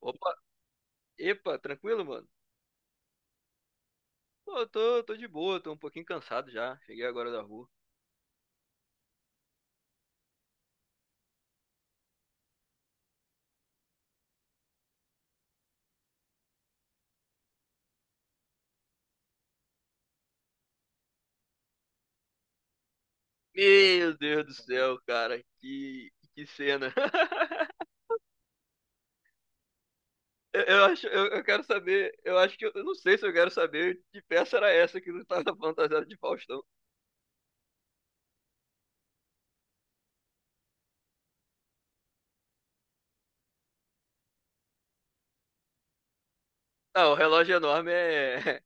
Opa, epa, tranquilo, mano? Pô, eu tô de boa, tô um pouquinho cansado já. Cheguei agora da rua. Meu Deus do céu, cara, que cena. Eu quero saber, eu acho que eu não sei se eu quero saber que peça era essa que não tava fantasiada de Faustão. Ah, o relógio enorme é,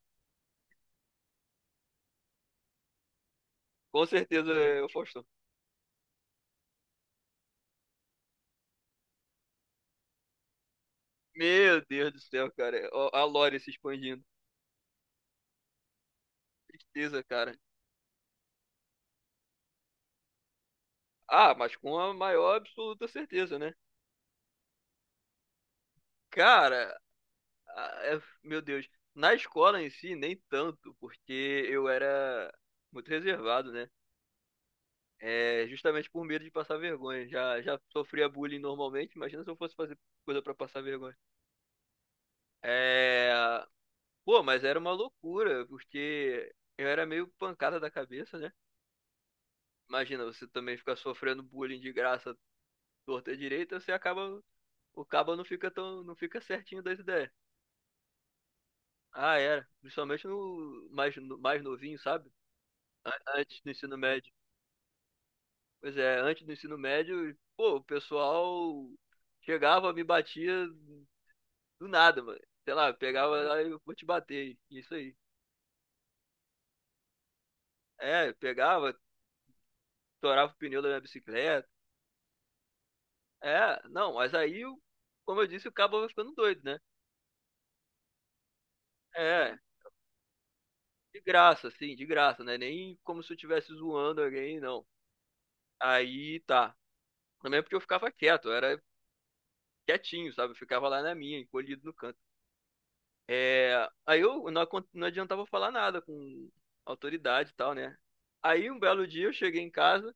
com certeza é o Faustão. Meu Deus do céu, cara, ó, a lore se expandindo. Tristeza, cara. Ah, mas com a maior absoluta certeza, né? Cara, ah, meu Deus. Na escola em si, nem tanto, porque eu era muito reservado, né? É, justamente por medo de passar vergonha. Já sofria bullying normalmente, imagina se eu fosse fazer coisa pra passar vergonha. É, pô, mas era uma loucura, porque eu era meio pancada da cabeça, né? Imagina, você também ficar sofrendo bullying de graça, torta e direita, você acaba, o cabo não fica tão, não fica certinho das ideias. Ah, era. Principalmente no mais novinho, sabe? Antes do ensino médio. Pois é, antes do ensino médio, pô, o pessoal chegava, me batia do nada, mano. Sei lá, pegava lá e eu vou te bater. Isso aí. É, pegava, torava o pneu da minha bicicleta. É, não, mas aí, como eu disse, o cabo vai ficando doido, né? É, de graça, assim, de graça, né? Nem como se eu estivesse zoando alguém, não. Aí tá. Também é porque eu ficava quieto, eu era quietinho, sabe? Eu ficava lá na minha, encolhido no canto. É, aí eu não, acon- não adiantava falar nada com autoridade e tal, né? Aí um belo dia eu cheguei em casa,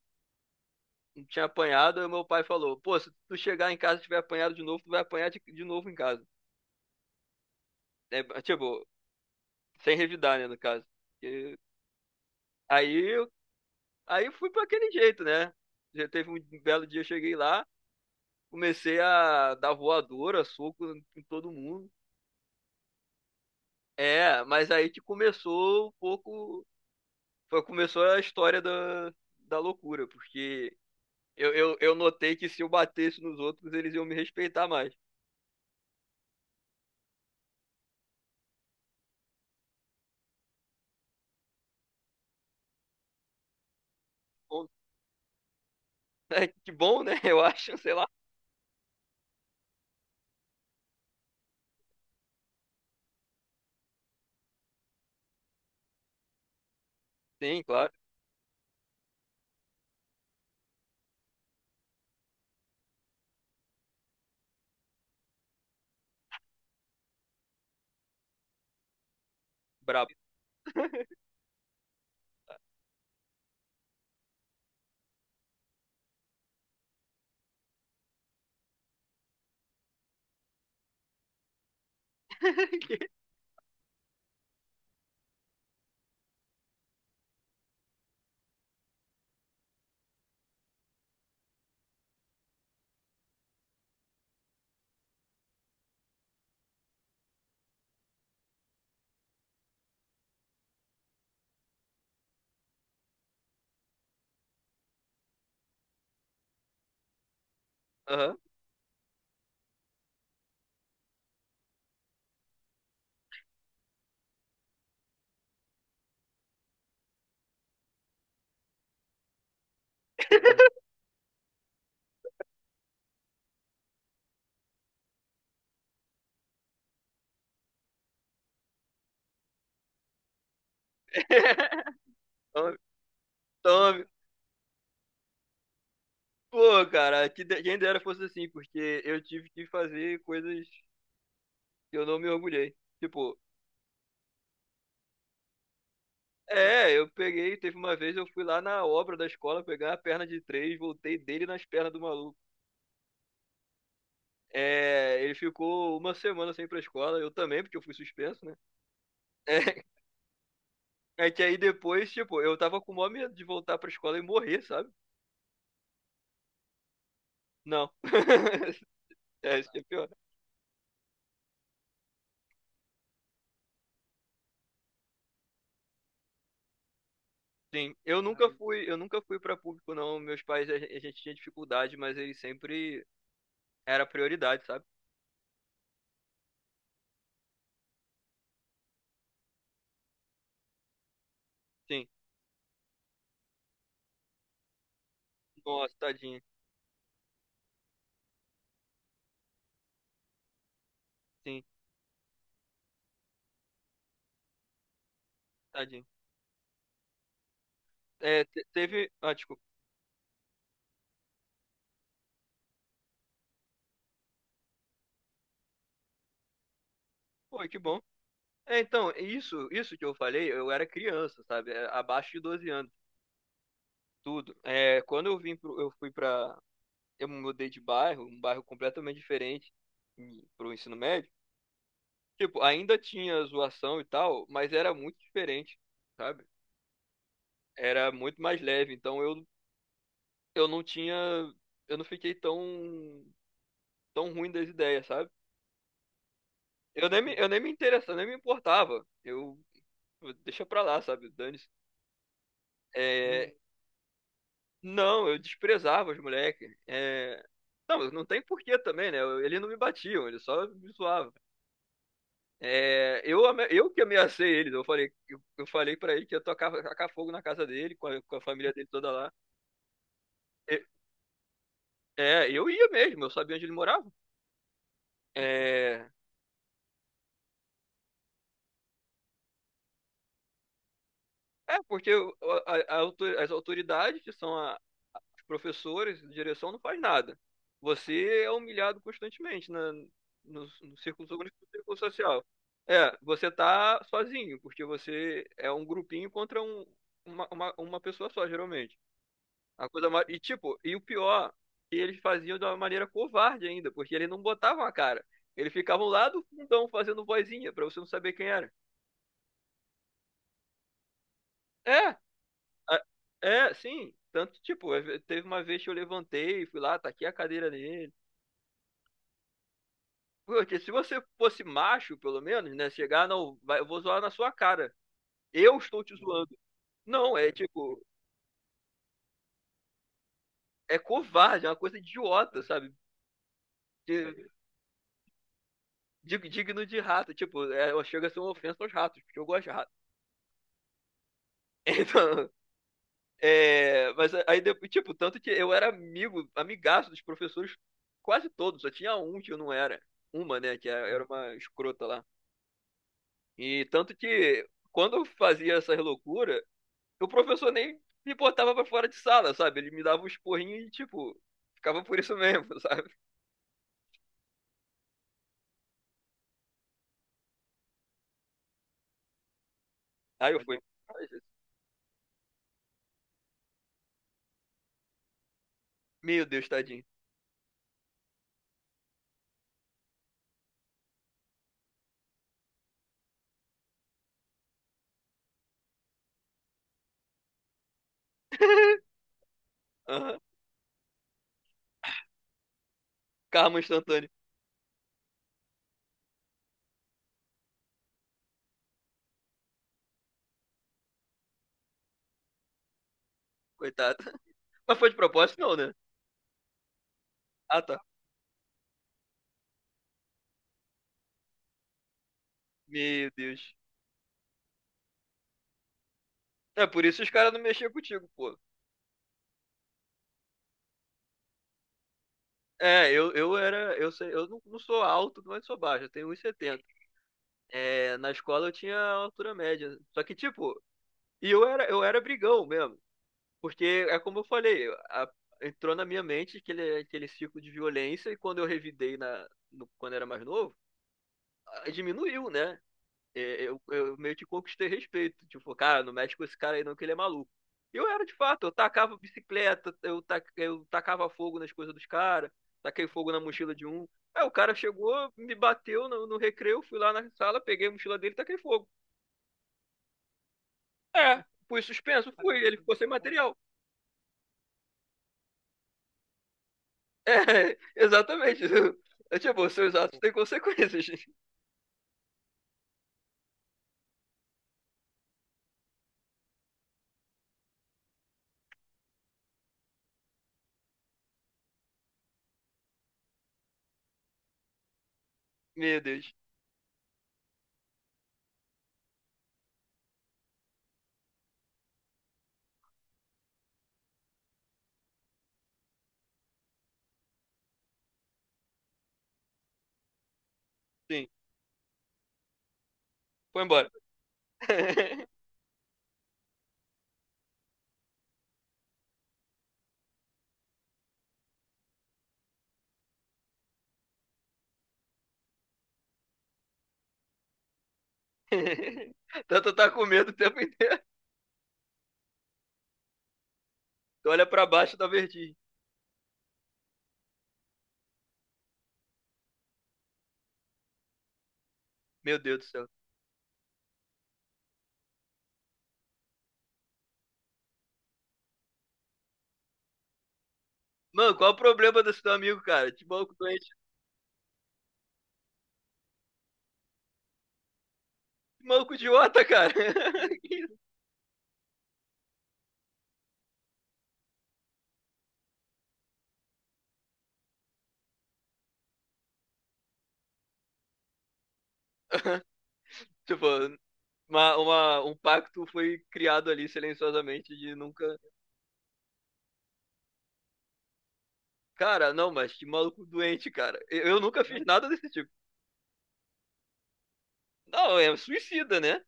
não tinha apanhado, aí meu pai falou: Pô, se tu chegar em casa e tiver apanhado de novo, tu vai apanhar de novo em casa. É, tipo, sem revidar, né, no caso. E aí, eu- aí eu fui pra aquele jeito, né? Já teve um belo dia, eu cheguei lá, comecei a dar voadora, soco em todo mundo. É, mas aí que começou um pouco. Foi, começou a história da loucura, porque. Eu notei que se eu batesse nos outros, eles iam me respeitar mais. Bom, né? Que bom, né? Eu acho, sei lá. Sim, claro. Brabo. Aham. Tome, tome. Pô, cara, que quem dera fosse assim, porque eu tive que fazer coisas que eu não me orgulhei. Tipo, é, eu peguei, teve uma vez eu fui lá na obra da escola pegar a perna de três, voltei dele nas pernas do maluco. É, ele ficou uma semana sem ir pra escola, eu também, porque eu fui suspenso, né? É que aí depois, tipo, eu tava com o maior medo de voltar pra escola e morrer, sabe? Não. É, isso que é pior. Sim, eu nunca fui pra público, não. Meus pais, a gente tinha dificuldade, mas eles sempre era prioridade, sabe? Sim. Nossa, tadinho. Sim, tadinho. É, teve. Ah, desculpa. Pô, que bom. É, então, isso que eu falei, eu era criança, sabe? É, abaixo de 12 anos, tudo. É, quando eu vim pro, eu fui pra. Eu me mudei de bairro, um bairro completamente diferente pro ensino médio. Tipo, ainda tinha zoação e tal, mas era muito diferente, sabe? Era muito mais leve, então eu não tinha, eu não fiquei tão ruim das ideias, sabe? Eu nem me interessava, nem me importava. Eu, deixa pra lá, sabe? Dane-se. É, não, eu desprezava os moleques. É, não, não tem porquê também, né? Eles não me batiam, eles só me zoavam. É, eu que ameacei eles, eu falei para ele que ia tacar fogo na casa dele, com a família dele toda lá. Eu- É, eu ia mesmo, eu sabia onde ele morava. É, é porque as autoridades, que são os professores, a direção, não faz nada. Você é humilhado constantemente na, no, no círculo, so- no círculo social. É, você tá sozinho, porque você é um grupinho contra uma pessoa só, geralmente. A coisa mais, e tipo, e o pior, que eles faziam de uma maneira covarde ainda, porque eles não botavam a cara. Eles ficavam lá do fundão fazendo vozinha, pra você não saber quem era. É, a- é, sim. Tanto, tipo, teve uma vez que eu levantei, fui lá, taquei a cadeira nele. Porque se você fosse macho, pelo menos, né? Chegar, não, eu vou zoar na sua cara. Eu estou te zoando. Não, é tipo, é covarde, é uma coisa idiota, sabe? De- digno de rato. Tipo, é, chega a ser uma ofensa aos ratos, porque eu gosto de rato. Então, é, mas aí depois, tipo, tanto que eu era amigaço dos professores quase todos, só tinha um que eu não era. Uma, né, era uma escrota lá. E tanto que quando eu fazia essas loucuras, o professor nem me botava pra fora de sala, sabe? Ele me dava uns porrinhos e, tipo, ficava por isso mesmo, sabe? Aí eu fui. Ai, Jesus. Meu Deus, tadinho. Aham. Karma instantâneo. Coitado. Mas foi de propósito, não, né? Ah, tá. Meu Deus. É por isso os caras não mexiam contigo, pô. É, eu era. Eu sei, eu não, não sou alto, mas sou baixo. Eu tenho 1,70. É, na escola eu tinha altura média. Só que, tipo, e eu era brigão mesmo. Porque é como eu falei, entrou na minha mente aquele ciclo de violência, e quando eu revidei na, no- quando era mais novo, ah, diminuiu, né? É, eu meio que conquistei respeito. Tipo, cara, não mexe com esse cara aí não, que ele é maluco. E eu era de fato, eu tacava bicicleta, eu tacava fogo nas coisas dos caras, taquei fogo na mochila de um. Aí o cara chegou, me bateu no recreio, fui lá na sala, peguei a mochila dele e taquei fogo. É, fui suspenso, ele ficou sem material. É, exatamente. É, tipo, seus atos têm consequências. Meu Deus. Sim, foi embora. Tanto tá com medo o tempo inteiro. Tu olha pra baixo da vertigem. Meu Deus do céu. Mano, qual é o problema desse teu amigo, cara? De maluco doente. De maluco idiota, cara. Que isso? Tipo, um pacto foi criado ali silenciosamente de nunca. Cara, não, mas que maluco doente, cara. Eu nunca fiz nada desse tipo. Não, é suicida, né?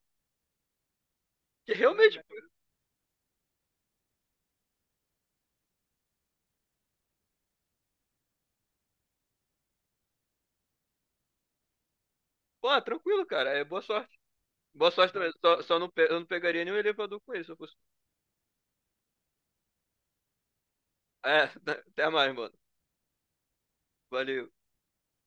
Que realmente Pô, tranquilo, cara. É boa sorte. Boa sorte também. Só não, eu não pegaria nenhum elevador com ele se eu fosse. É, até mais, mano. Valeu.